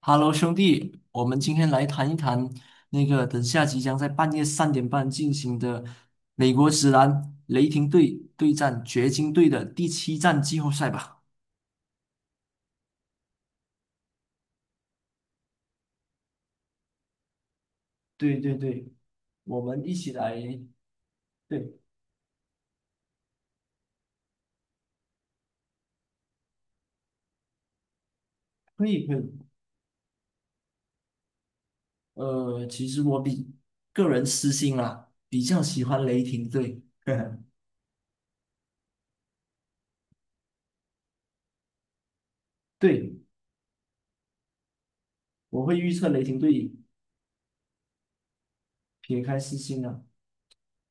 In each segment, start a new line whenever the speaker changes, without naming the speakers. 哈喽，兄弟，我们今天来谈一谈那个等下即将在半夜3点半进行的美国职篮雷霆队对战掘金队的第7站季后赛吧。对对对，我们一起来，对，可以可以。其实我比个人私心啊，比较喜欢雷霆队。对，我会预测雷霆队赢。撇开私心啊。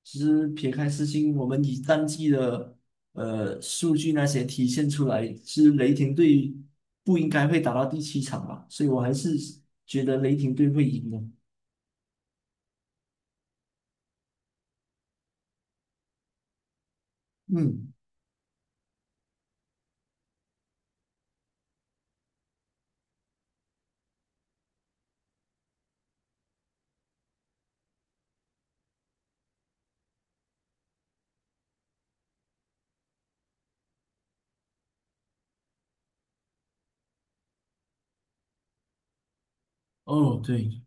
其实撇开私心，我们以战绩的数据那些体现出来，是雷霆队不应该会打到第七场吧？所以我还是觉得雷霆队会赢的。嗯，哦，对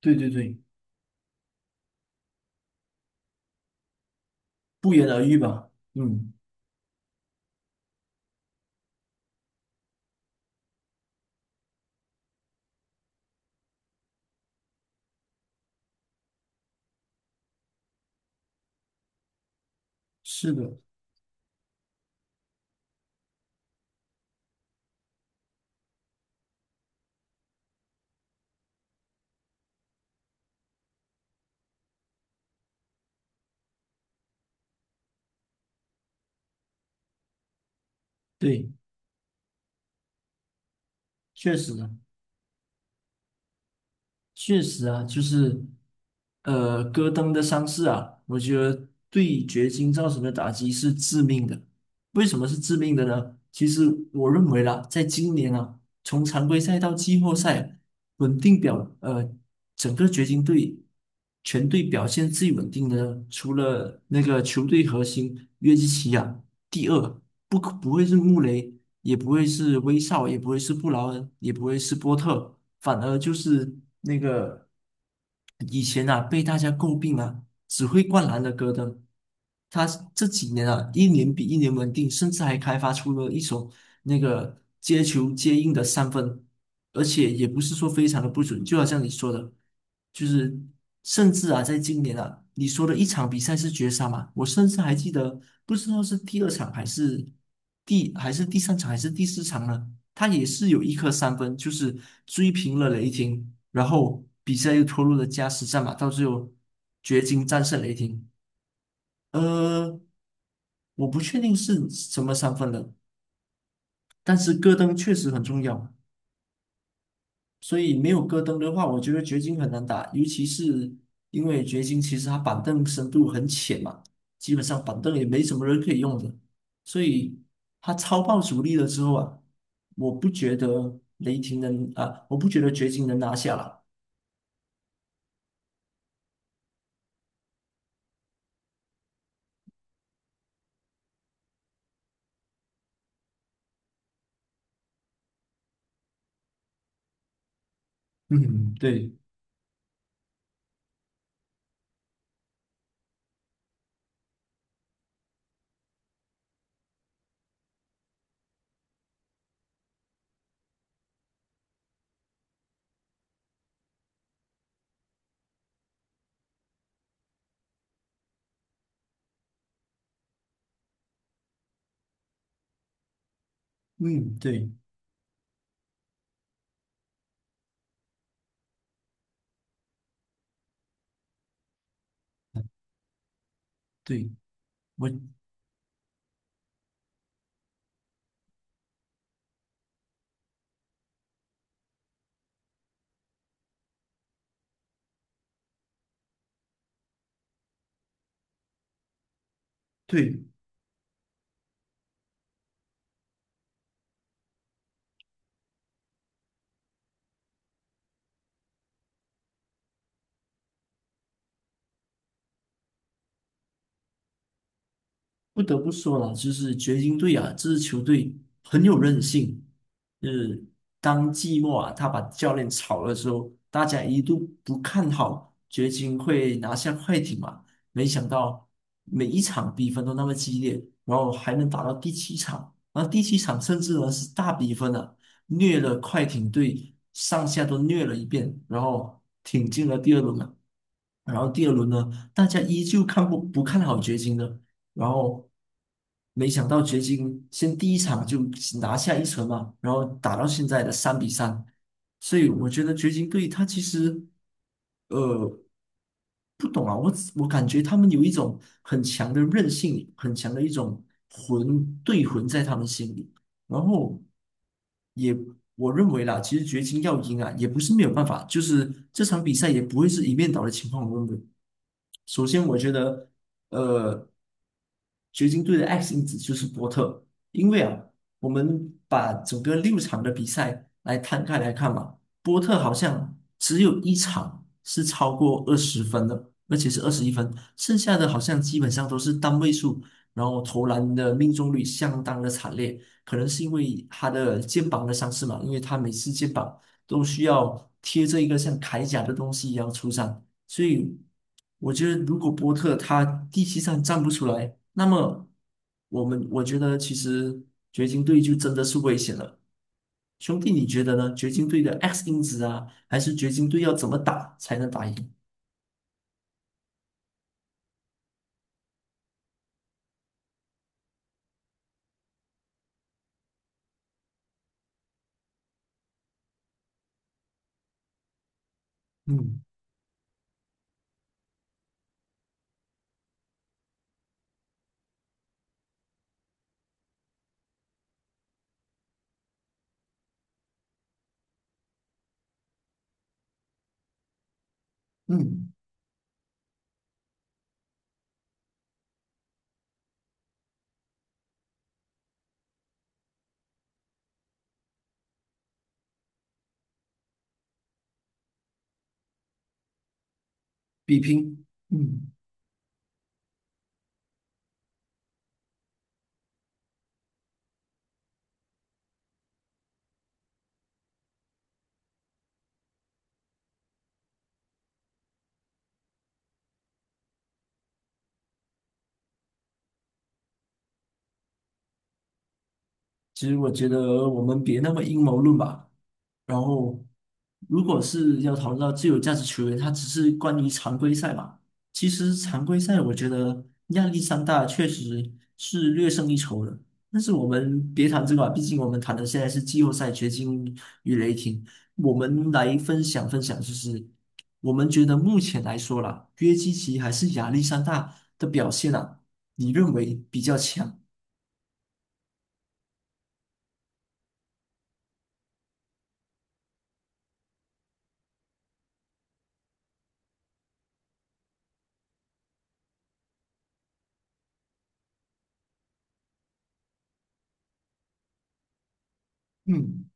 对对对，不言而喻吧？嗯，是的，对，确实的。确实啊，就是，戈登的伤势啊，我觉得对掘金造成的打击是致命的。为什么是致命的呢？其实我认为啦，在今年啊，从常规赛到季后赛，稳定表，呃，整个掘金队全队表现最稳定的，除了那个球队核心约基奇啊，第二，不会是穆雷，也不会是威少，也不会是布劳恩，也不会是波特，反而就是那个以前啊被大家诟病啊，只会灌篮的戈登，他这几年啊一年比一年稳定，甚至还开发出了一手那个接球接应的三分。而且也不是说非常的不准，就好像你说的，就是甚至啊，在今年啊，你说的一场比赛是绝杀嘛，我甚至还记得，不知道是第2场还是第3场还是第4场呢，他也是有一颗三分，就是追平了雷霆，然后比赛又拖入了加时战嘛，到最后掘金战胜雷霆。呃，我不确定是什么三分了，但是戈登确实很重要，所以没有戈登的话，我觉得掘金很难打，尤其是因为掘金其实他板凳深度很浅嘛，基本上板凳也没什么人可以用的，所以他超爆主力了之后啊，我不觉得雷霆能啊，我不觉得掘金能拿下了。嗯，对，嗯，对，对，我对不得不说了，就是掘金队啊，这支球队很有韧性。就是当季末啊，他把教练炒了之后，大家一度不看好掘金会拿下快艇嘛，没想到每一场比分都那么激烈，然后还能打到第七场，然后第七场甚至呢是大比分啊，虐了快艇队上下都虐了一遍，然后挺进了第二轮了。然后第二轮呢，大家依旧看不不看好掘金的，然后没想到掘金先第1场就拿下一城嘛，然后打到现在的3比3，所以我觉得掘金队他其实呃不懂啊，我感觉他们有一种很强的韧性，很强的一种魂对魂在他们心里，然后也。我认为啦，其实掘金要赢啊，也不是没有办法，就是这场比赛也不会是一面倒的情况。我认为，首先，我觉得，呃，掘金队的 X 因子就是波特，因为啊，我们把整个6场的比赛来摊开来看嘛，波特好像只有一场是超过20分的，而且是21分，剩下的好像基本上都是单位数，然后投篮的命中率相当的惨烈，可能是因为他的肩膀的伤势嘛，因为他每次肩膀都需要贴着一个像铠甲的东西一样出战，所以我觉得，如果波特他第7战站不出来，那么我觉得其实掘金队就真的是危险了。兄弟，你觉得呢？掘金队的 X 因子啊，还是掘金队要怎么打才能打赢？嗯嗯，比拼，嗯。其实我觉得我们别那么阴谋论吧。然后，如果是要讨论到最有价值球员，他只是关于常规赛嘛。其实常规赛我觉得亚历山大确实是略胜一筹的。但是我们别谈这个吧，毕竟我们谈的现在是季后赛掘金与雷霆。我们来分享分享，就是我们觉得目前来说啦，约基奇还是亚历山大的表现啊，你认为比较强？嗯，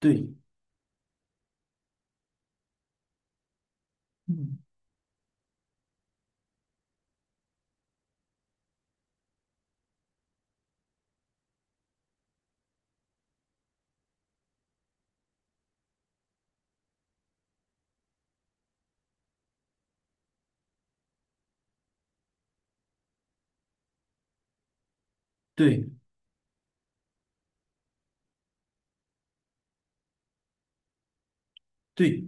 对。嗯对对，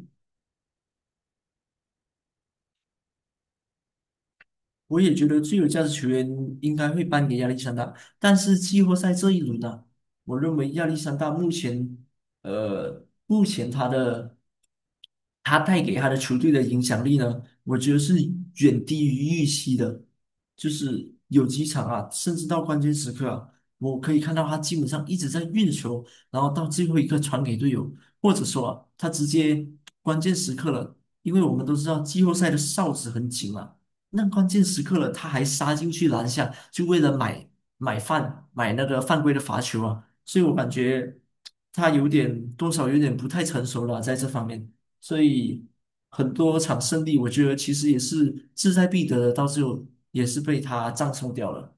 我也觉得最有价值球员应该会颁给亚历山大，但是季后赛这一轮呢、我认为亚历山大目前，目前他带给他的球队的影响力呢，我觉得是远低于预期的，就是有几场啊，甚至到关键时刻啊，我可以看到他基本上一直在运球，然后到最后一刻传给队友，或者说啊，他直接关键时刻了，因为我们都知道季后赛的哨子很紧嘛。那关键时刻了，他还杀进去篮下，就为了买饭，买那个犯规的罚球啊！所以我感觉他有点多少有点不太成熟了，在这方面。所以很多场胜利，我觉得其实也是志在必得的，到最后也是被他葬送掉了。